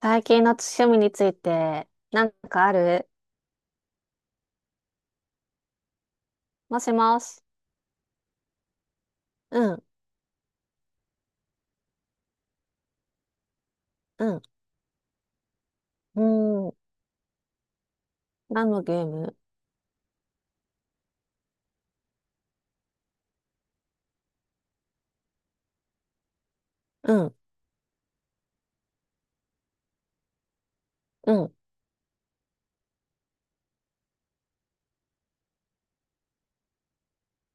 最近の趣味について、なんかある？もしもし。うん、うん、うん。何のゲーム？うん、うん。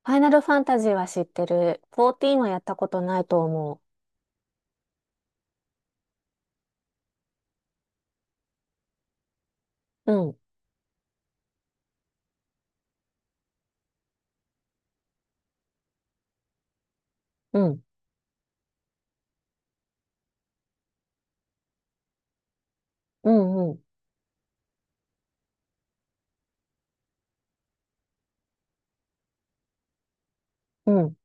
ファイナルファンタジーは知ってる。14はやったことないと思う。うん、うん、うん、うん、うん、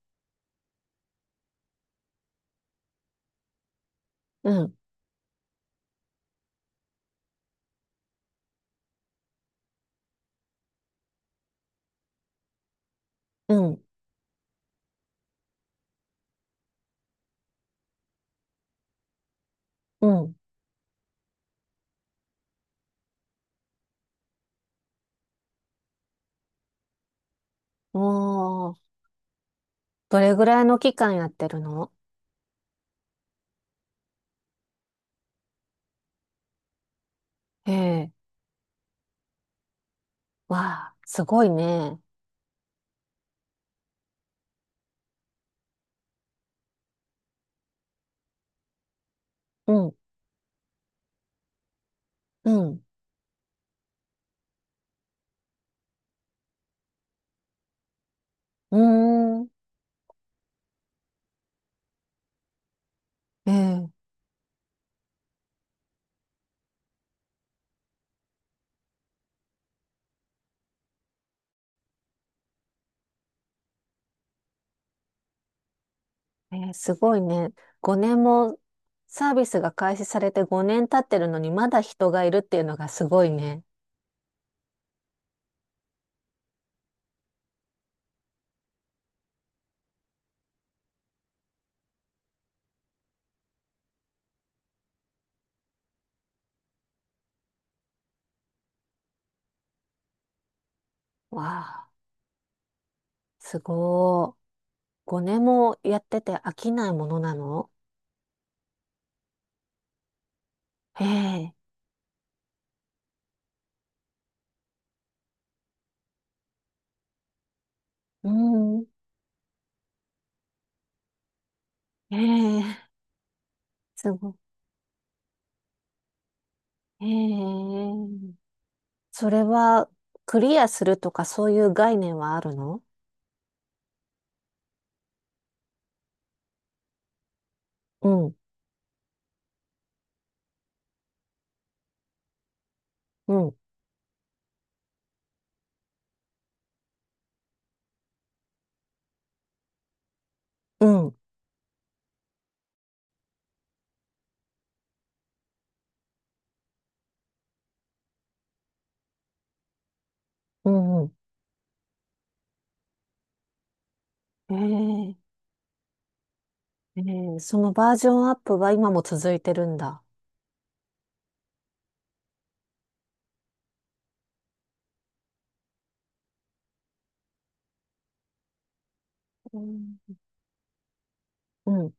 うん、うん。うん。おー、どれぐらいの期間やってるの？ええ、わあ、すごいね。うん、うん、うーん。ええ。えーすごいね。5年もサービスが開始されて5年経ってるのにまだ人がいるっていうのがすごいね。わあ、すごい。5年もやってて飽きないものなの？ええ、うん、ええ、すごい。ええ、それはクリアするとかそういう概念はあるの？うん、うん、うん、うん、うん。ええ、ええ、そのバージョンアップは今も続いてるんだ。うん、うん。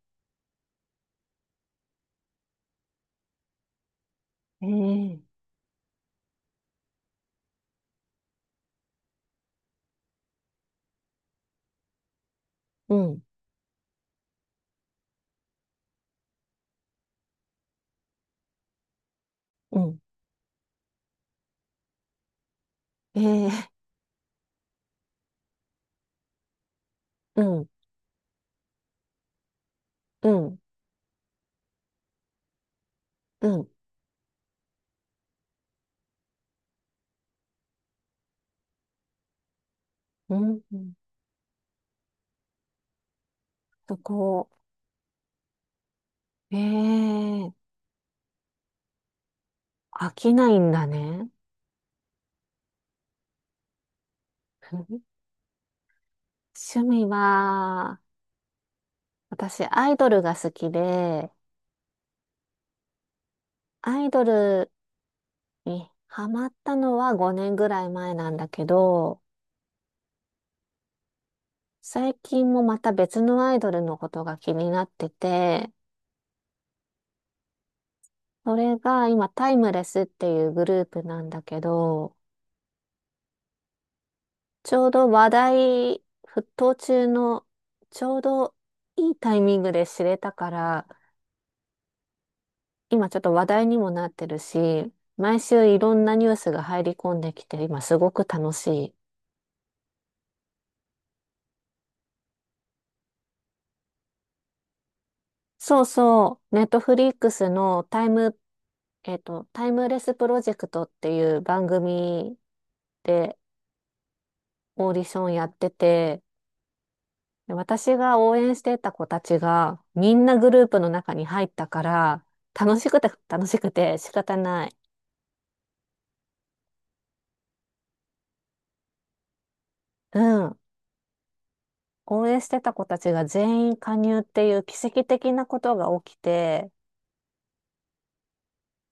ええ。うん、うん。ええ。うん、うん、うん、うん。うん。そこ、ええ。飽きないんだね。趣味は、私、アイドルが好きで、アイドルにハマったのは5年ぐらい前なんだけど、最近もまた別のアイドルのことが気になってて、それが今、タイムレスっていうグループなんだけど、ちょうど話題沸騰中の、ちょうどいいタイミングで知れたから、今ちょっと話題にもなってるし、毎週いろんなニュースが入り込んできて、今すごく楽しい。そうそう、ネットフリックスのタイム、タイムレスプロジェクトっていう番組でオーディションやってて、で私が応援してた子たちがみんなグループの中に入ったから、楽しくて楽しくて仕方ない。うん。応援してた子たちが全員加入っていう奇跡的なことが起きて、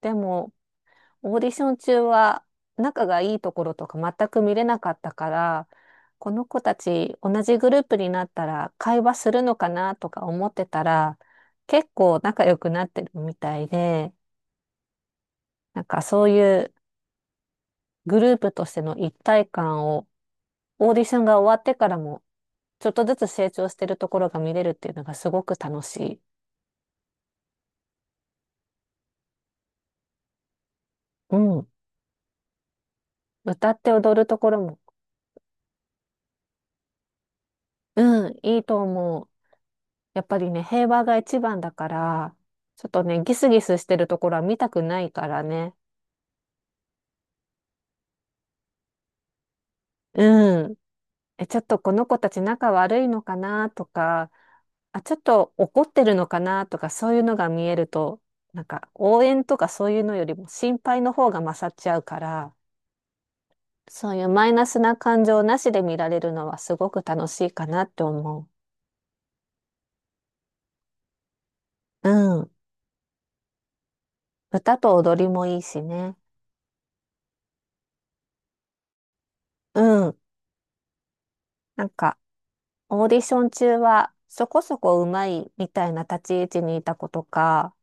でもオーディション中は仲がいいところとか全く見れなかったから、この子たち同じグループになったら会話するのかなとか思ってたら、結構仲良くなってるみたいで、なんかそういうグループとしての一体感をオーディションが終わってからもちょっとずつ成長してるところが見れるっていうのがすごく楽しい。うん。歌って踊るところも。うん、いいと思う。やっぱりね、平和が一番だから、ちょっとね、ギスギスしてるところは見たくないからね。うん。え、ちょっとこの子たち仲悪いのかなとか、あ、ちょっと怒ってるのかなとか、そういうのが見えると、なんか応援とかそういうのよりも心配の方が勝っちゃうから、そういうマイナスな感情なしで見られるのはすごく楽しいかなって思う。うん。歌と踊りもいいしね。うん。なんかオーディション中はそこそこうまいみたいな立ち位置にいた子とか、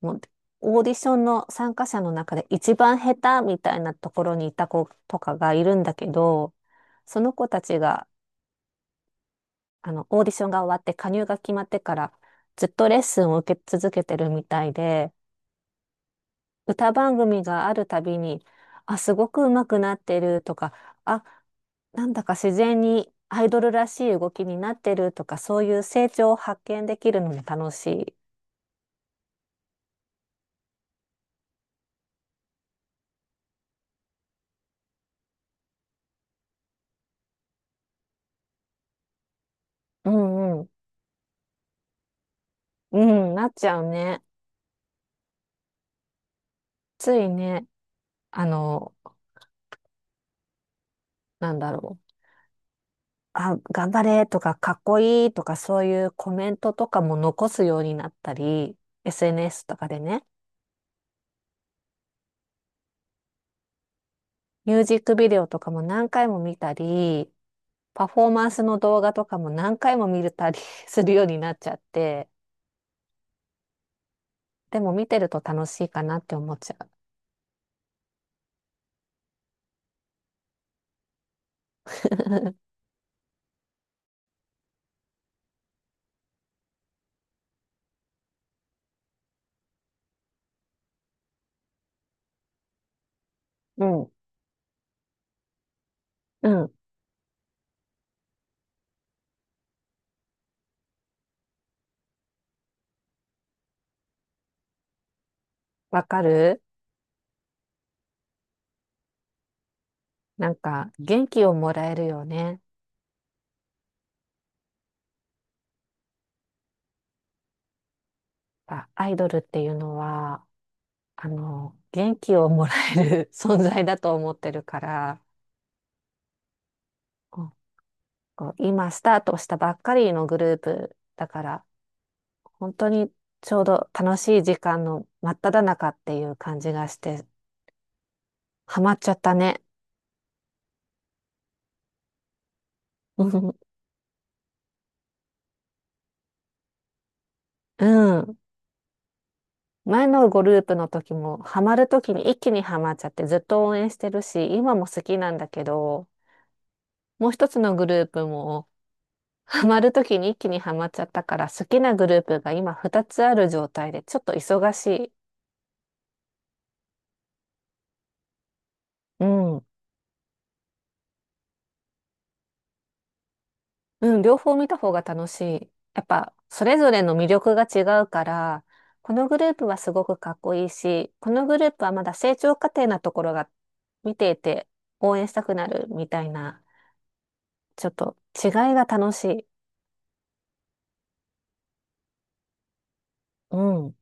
もうオーディションの参加者の中で一番下手みたいなところにいた子とかがいるんだけど、その子たちがあのオーディションが終わって加入が決まってからずっとレッスンを受け続けてるみたいで、歌番組があるたびに、あ、すごく上手くなってるとか、あ、なんだか自然にアイドルらしい動きになってるとか、そういう成長を発見できるのも楽しい。うんうん。うん、なっちゃうね。ついね、あの、なんだろう。あ、頑張れとか、かっこいいとか、そういうコメントとかも残すようになったり、SNS とかでね、ミュージックビデオとかも何回も見たり、パフォーマンスの動画とかも何回も見れたり するようになっちゃって、でも見てると楽しいかなって思っちゃう。ん。うん。うん。わかる。なんか元気をもらえるよね。あ、アイドルっていうのは、元気をもらえる 存在だと思ってるから、こうこう今スタートしたばっかりのグループだから、本当にちょうど楽しい時間の真っ只中っていう感じがして、ハマっちゃったね。うん。前のグループの時も、ハマる時に一気にハマっちゃってずっと応援してるし、今も好きなんだけど、もう一つのグループも、ハマる時に一気にハマっちゃったから、好きなグループが今二つある状態で、ちょっと忙しい。うん。うん、両方見た方が楽しい。やっぱ、それぞれの魅力が違うから、このグループはすごくかっこいいし、このグループはまだ成長過程なところが見ていて応援したくなるみたいな、ちょっと違いが楽しい。うん。